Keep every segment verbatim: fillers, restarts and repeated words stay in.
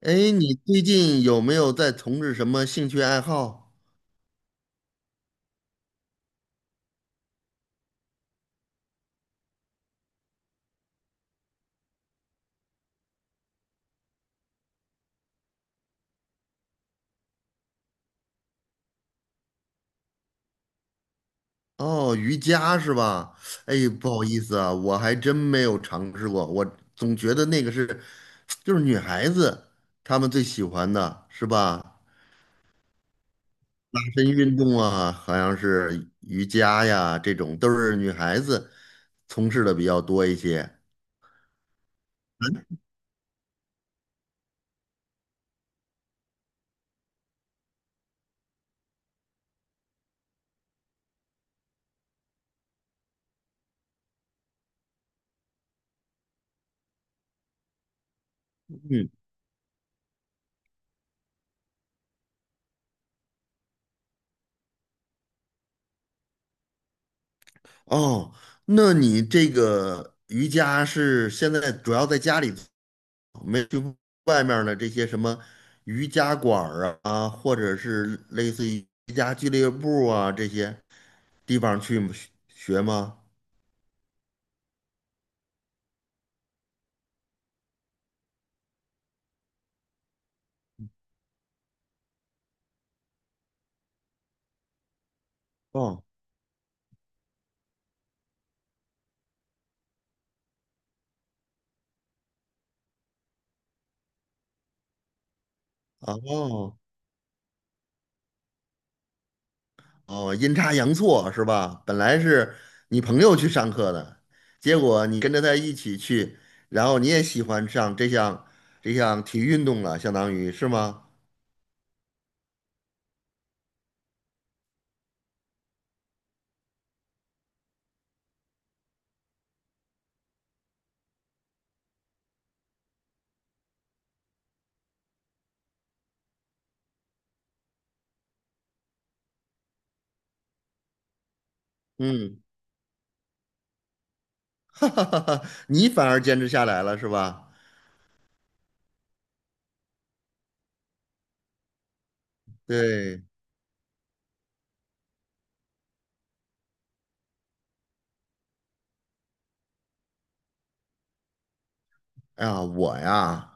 哎，你最近有没有在从事什么兴趣爱好？哦，瑜伽是吧？哎，不好意思啊，我还真没有尝试过。我总觉得那个是，就是女孩子她们最喜欢的是吧？拉伸运动啊，好像是瑜伽呀，这种都是女孩子从事的比较多一些。嗯。哦，那你这个瑜伽是现在主要在家里？没去外面的这些什么瑜伽馆儿啊，或者是类似于瑜伽俱乐部啊这些地方去学学吗？哦哦哦，阴差阳错是吧？本来是你朋友去上课的，结果你跟着他一起去，然后你也喜欢上这项这项体育运动了，相当于是吗？嗯，哈哈哈哈，你反而坚持下来了是吧？对。哎呀，我呀。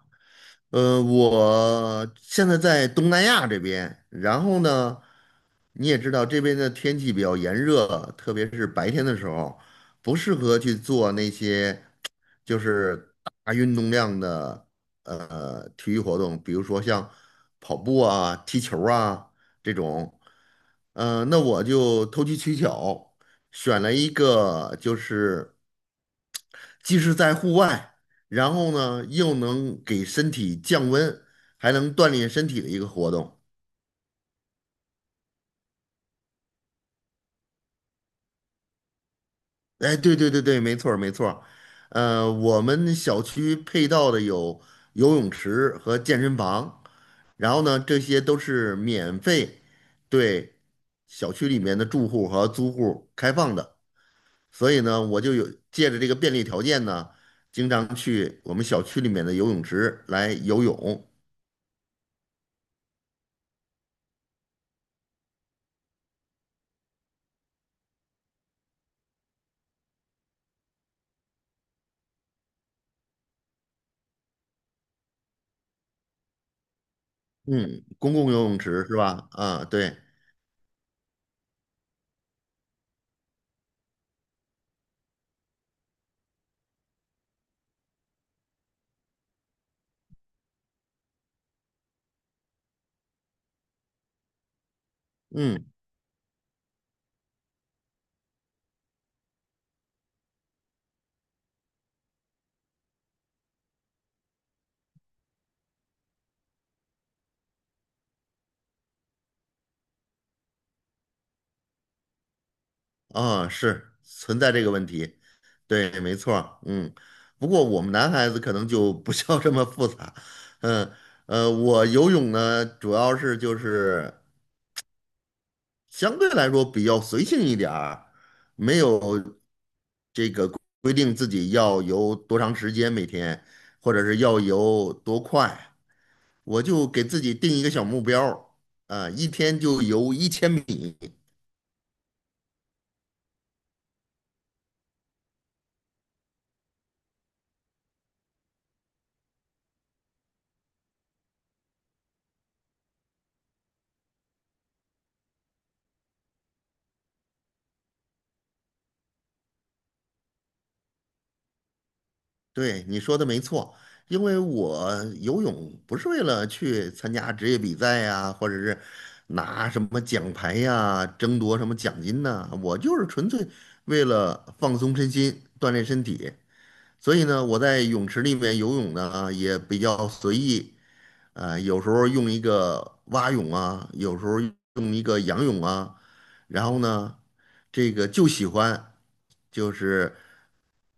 呃，我现在在东南亚这边，然后呢，你也知道这边的天气比较炎热，特别是白天的时候，不适合去做那些就是大运动量的呃体育活动，比如说像跑步啊、踢球啊这种。呃，那我就投机取巧，选了一个就是。既是在户外，然后呢又能给身体降温，还能锻炼身体的一个活动。哎，对对对对，没错儿没错儿。呃，我们小区配套的有游泳池和健身房，然后呢，这些都是免费对小区里面的住户和租户开放的。所以呢，我就有借着这个便利条件呢，经常去我们小区里面的游泳池来游泳。嗯，公共游泳池是吧？啊，对。嗯。啊，是存在这个问题，对，没错儿。嗯。不过我们男孩子可能就不需要这么复杂。嗯。呃，我游泳呢，主要是就是相对来说比较随性一点儿，没有规定自己要游多长时间每天，或者是要游多快，我就给自己定一个小目标儿，啊，一天就游一千米。对，你说的没错，因为我游泳不是为了去参加职业比赛呀，或者是拿什么奖牌呀，争夺什么奖金呢。我就是纯粹为了放松身心，锻炼身体。所以呢，我在泳池里面游泳呢，也比较随意，呃，有时候用一个蛙泳啊，有时候用一个仰泳啊，然后呢，这个就喜欢就是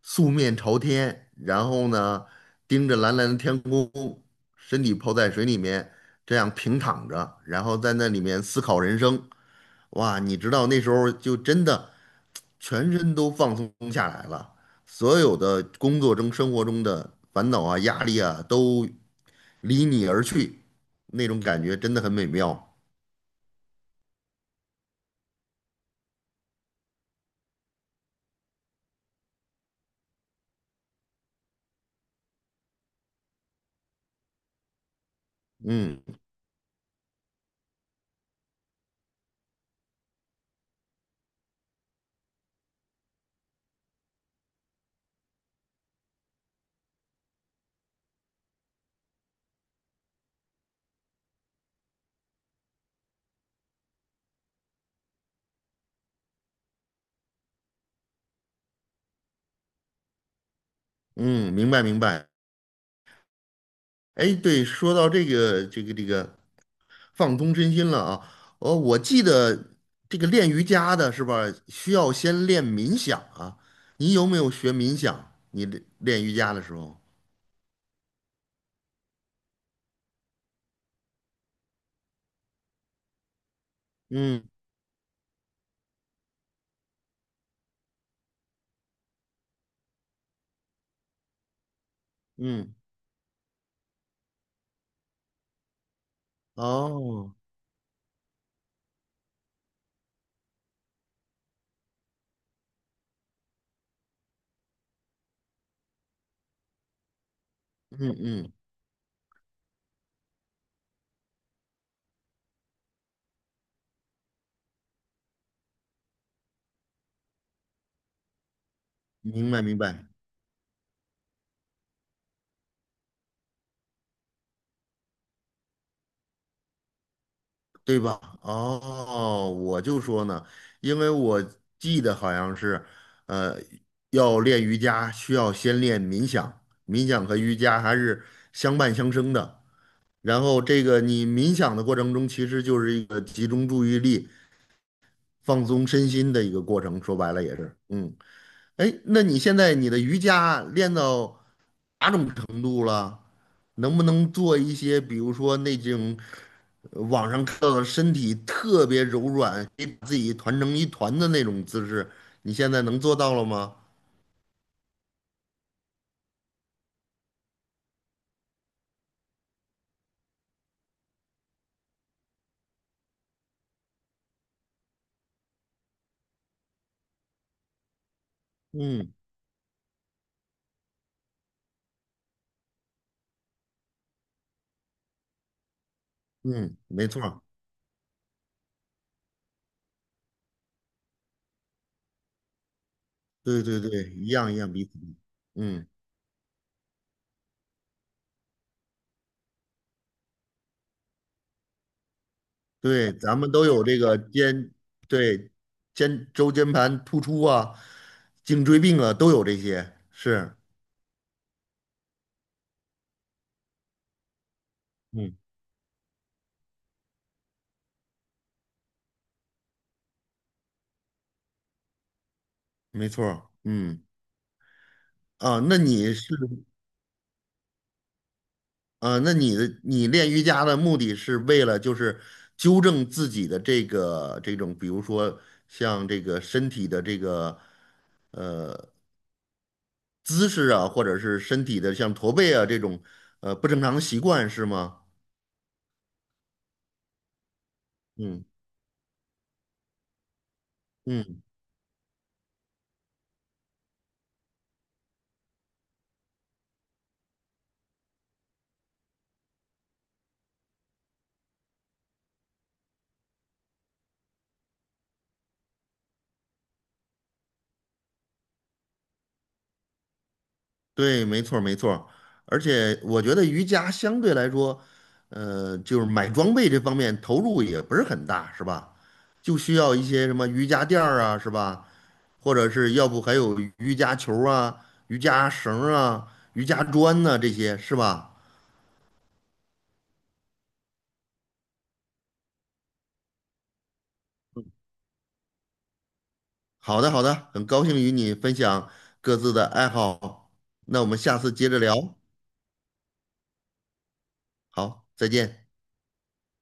素面朝天，然后呢，盯着蓝蓝的天空，身体泡在水里面，这样平躺着，然后在那里面思考人生。哇，你知道那时候就真的全身都放松下来了，所有的工作中、生活中的烦恼啊、压力啊都离你而去，那种感觉真的很美妙。嗯嗯，明白明白。哎，对，说到这个这个这个放松身心了啊，哦，我记得这个练瑜伽的是吧，需要先练冥想啊。你有没有学冥想？你练练瑜伽的时候？嗯嗯。哦。嗯嗯，明白明白，对吧？哦，我就说呢，因为我记得好像是，呃，要练瑜伽需要先练冥想，冥想和瑜伽还是相伴相生的。然后这个你冥想的过程中，其实就是一个集中注意力、放松身心的一个过程，说白了也是。嗯。哎，那你现在你的瑜伽练到哪种程度了？能不能做一些，比如说那种呃网上看到的身体特别柔软，可以把自己团成一团的那种姿势？你现在能做到了吗？嗯嗯，没错儿。对对对，一样一样彼此。嗯，对，咱们都有这个肩，对，肩周间盘突出啊，颈椎病啊，都有这些。是。嗯，没错儿。嗯。啊，那你是。啊，那你的你练瑜伽的目的是为了就是纠正自己的这个这种，比如说像这个身体的这个姿势啊，或者是身体的像驼背啊这种呃不正常的习惯是吗？嗯嗯，对，没错儿没错儿。而且我觉得瑜伽相对来说，呃，就是买装备这方面投入也不是很大，是吧？就需要一些什么瑜伽垫儿啊，是吧？或者是要不还有瑜伽球啊、瑜伽绳啊、瑜伽砖呐、这些是吧？好的，好的，很高兴与你分享各自的爱好，那我们下次接着聊，好，再见。